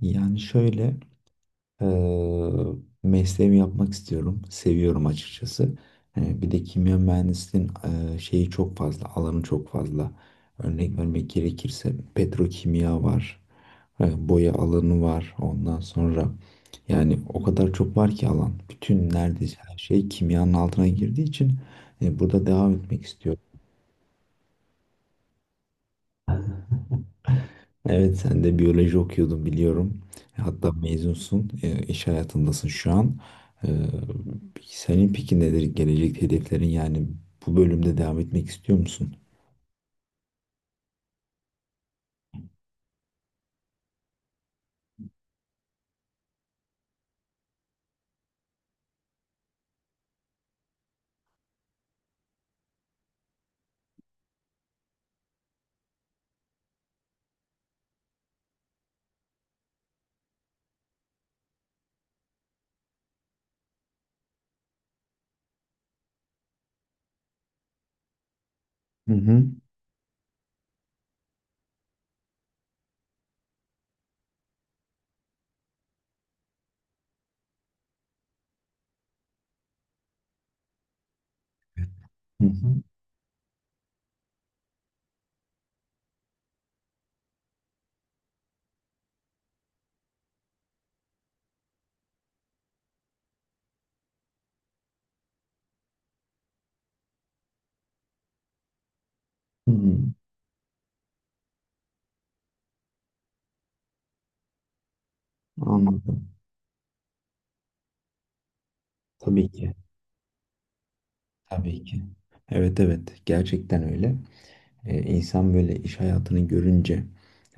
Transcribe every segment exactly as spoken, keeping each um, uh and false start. Yani şöyle eee mesleğimi yapmak istiyorum. Seviyorum açıkçası. Hani bir de kimya mühendisliğin, eee, şeyi çok fazla, alanı çok fazla. Örnek vermek gerekirse petrokimya var. E, boya alanı var. Ondan sonra yani o kadar çok var ki alan. Bütün neredeyse her şey kimyanın altına girdiği için e, burada devam etmek istiyorum. Evet, sen de biyoloji okuyordun biliyorum. Hatta mezunsun, e, iş hayatındasın şu an. E, Senin peki nedir gelecek hedeflerin, yani bu bölümde devam etmek istiyor musun? Hı hı. Hı hı. Hı hı. Anladım. Tabii ki. Tabii ki. Evet, evet, gerçekten öyle. E, insan böyle iş hayatını görünce,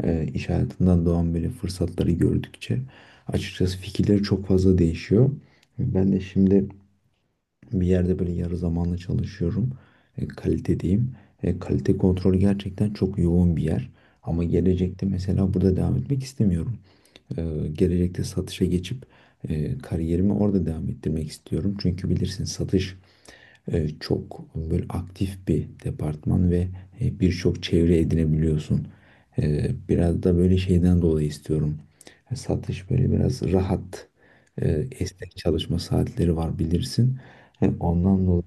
e, iş hayatından doğan böyle fırsatları gördükçe açıkçası fikirleri çok fazla değişiyor. Ben de şimdi bir yerde böyle yarı zamanlı çalışıyorum. E, kalite diyeyim. E, kalite kontrolü gerçekten çok yoğun bir yer. Ama gelecekte mesela burada devam etmek istemiyorum. Ee, gelecekte satışa geçip e, kariyerimi orada devam ettirmek istiyorum. Çünkü bilirsin, satış e, çok böyle aktif bir departman ve e, birçok çevre edinebiliyorsun. E, biraz da böyle şeyden dolayı istiyorum. E, satış böyle biraz rahat, e, esnek çalışma saatleri var bilirsin. E, ondan dolayı,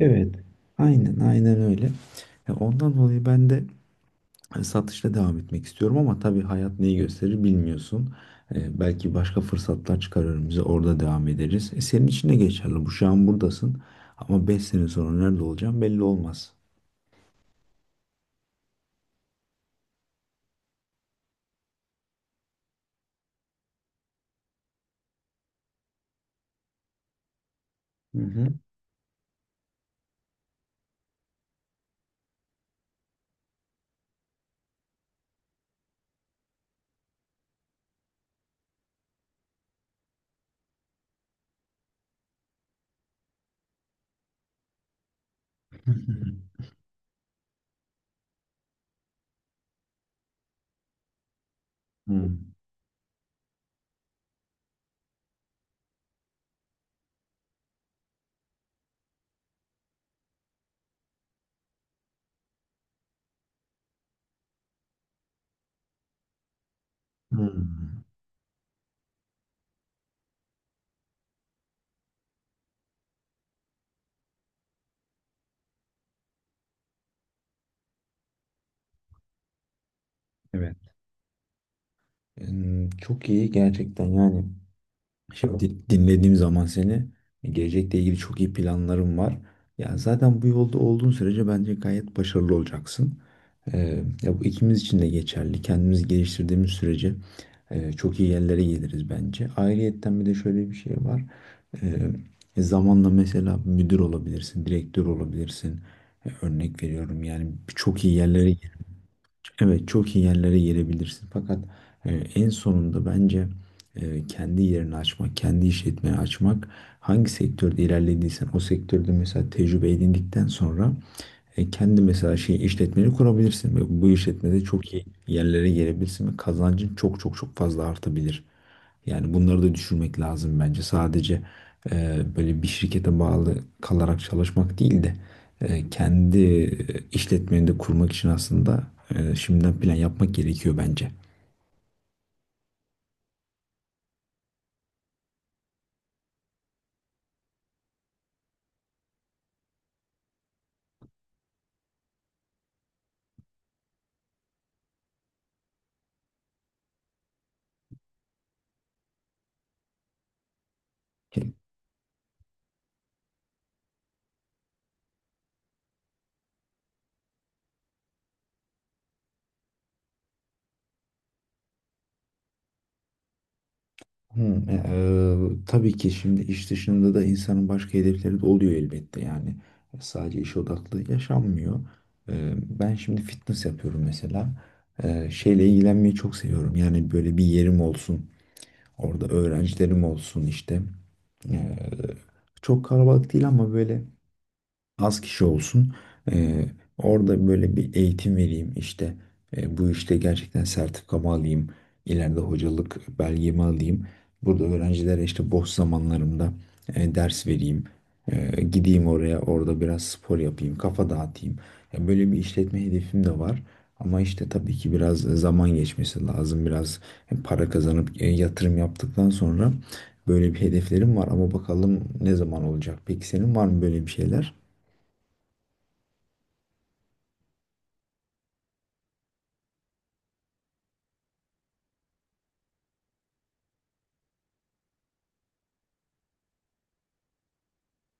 evet, aynen aynen öyle. E, ondan dolayı ben de hani satışla devam etmek istiyorum, ama tabii hayat neyi gösterir bilmiyorsun. Ee, belki başka fırsatlar çıkarır, bize orada devam ederiz. E, senin için de geçerli. Bu şu an buradasın ama beş sene sonra nerede olacağım belli olmaz. Hı hı. Hmm. Hmm. Evet. Hmm, Çok iyi gerçekten, yani. Şimdi dinlediğim zaman seni, e, gelecekle ilgili çok iyi planlarım var. Ya zaten bu yolda olduğun sürece bence gayet başarılı olacaksın. Ee, ya bu ikimiz için de geçerli. Kendimizi geliştirdiğimiz sürece e, çok iyi yerlere geliriz bence. Ayrıyetten bir de şöyle bir şey var. Ee, Zamanla mesela müdür olabilirsin, direktör olabilirsin. Ee, örnek veriyorum, yani çok iyi yerlere ge- evet, çok iyi yerlere gelebilirsin. Fakat e, en sonunda bence e, kendi yerini açmak, kendi işletmeyi açmak, hangi sektörde ilerlediysen o sektörde mesela tecrübe edindikten sonra e, kendi mesela şey işletmeni kurabilirsin, ve bu işletmede çok iyi yerlere gelebilirsin ve kazancın çok çok çok fazla artabilir. Yani bunları da düşürmek lazım bence. Sadece e, böyle bir şirkete bağlı kalarak çalışmak değil de e, kendi e, işletmeni de kurmak için aslında e, şimdiden plan yapmak gerekiyor bence. Hmm, e, e, tabii ki, şimdi iş dışında da insanın başka hedefleri de oluyor elbette, yani sadece iş odaklı yaşanmıyor. E, ben şimdi fitness yapıyorum mesela. E, şeyle ilgilenmeyi çok seviyorum, yani böyle bir yerim olsun, orada öğrencilerim olsun işte. E, Çok kalabalık değil, ama böyle az kişi olsun. Eee, Orada böyle bir eğitim vereyim işte. Eee, bu işte gerçekten sertifikamı alayım, ileride hocalık belgemi alayım. Burada öğrencilere işte boş zamanlarımda eee, ders vereyim. Eee, gideyim oraya, orada biraz spor yapayım. Kafa dağıtayım. Ya böyle bir işletme hedefim de var. Ama işte tabii ki biraz zaman geçmesi lazım. Biraz para kazanıp e, yatırım yaptıktan sonra böyle bir hedeflerim var. Ama bakalım ne zaman olacak. Peki senin var mı böyle bir şeyler?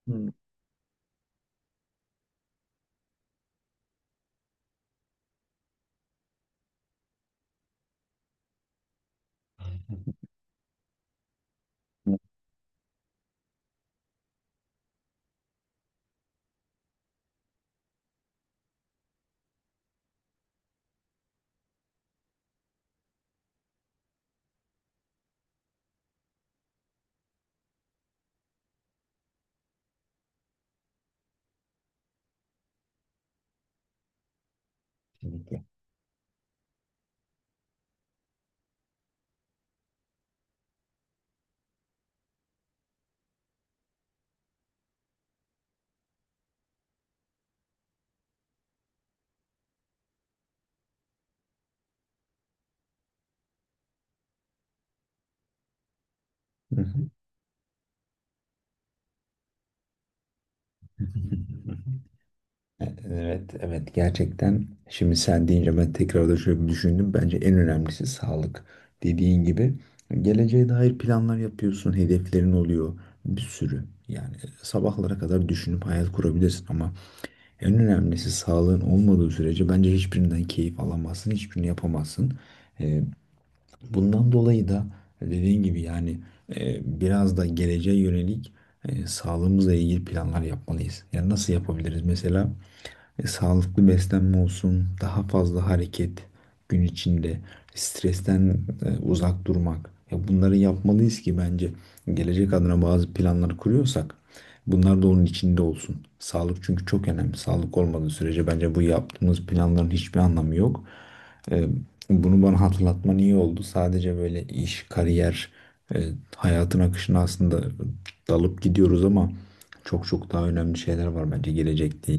Hı. Kesinlikle. Hı hı. Evet, evet, gerçekten şimdi sen deyince ben tekrar da şöyle bir düşündüm. Bence en önemlisi sağlık. Dediğin gibi geleceğe dair planlar yapıyorsun, hedeflerin oluyor bir sürü. Yani sabahlara kadar düşünüp hayal kurabilirsin, ama en önemlisi sağlığın olmadığı sürece bence hiçbirinden keyif alamazsın, hiçbirini yapamazsın. Bundan dolayı da dediğin gibi, yani e, biraz da geleceğe yönelik e, sağlığımızla ilgili planlar yapmalıyız. Yani nasıl yapabiliriz? Mesela e, sağlıklı beslenme olsun, daha fazla hareket gün içinde, stresten e, uzak durmak. Ya bunları yapmalıyız ki bence gelecek adına bazı planlar kuruyorsak bunlar da onun içinde olsun. Sağlık çünkü çok önemli. Sağlık olmadığı sürece bence bu yaptığımız planların hiçbir anlamı yok. E, bunu bana hatırlatman iyi oldu. Sadece böyle iş, kariyer, e, hayatın akışına aslında dalıp gidiyoruz, ama çok çok daha önemli şeyler var bence gelecekte.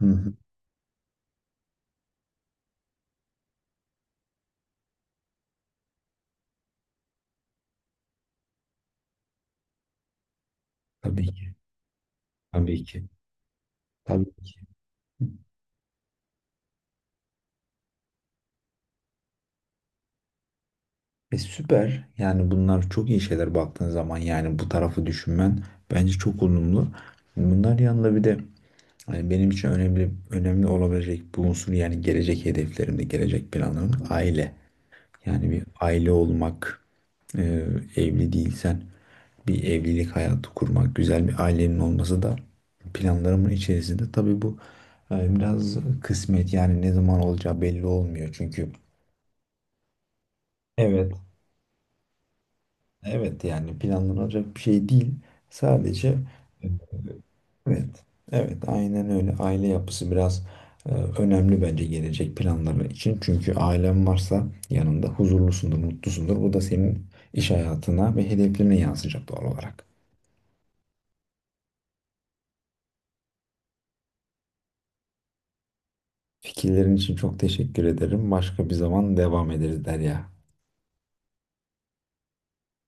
Hı hı. Tabii ki. Tabii ki. Tabii ki. E, süper. Yani bunlar çok iyi şeyler baktığın zaman, yani bu tarafı düşünmen bence çok olumlu. Bunlar yanında bir de hani benim için önemli önemli olabilecek bir unsur, yani gelecek hedeflerimde, gelecek planlarım aile. Yani bir aile olmak, e, evli değilsen bir evlilik hayatı kurmak, güzel bir ailenin olması da planlarımın içerisinde. Tabii bu e, biraz kısmet, yani ne zaman olacağı belli olmuyor. Çünkü evet. Evet, yani planlanacak bir şey değil. Sadece evet, evet, aynen öyle. Aile yapısı biraz e, önemli bence gelecek planları için. Çünkü ailen varsa yanında huzurlusundur, mutlusundur. Bu da senin iş hayatına ve hedeflerine yansıyacak doğal olarak. Fikirlerin için çok teşekkür ederim. Başka bir zaman devam ederiz, Derya.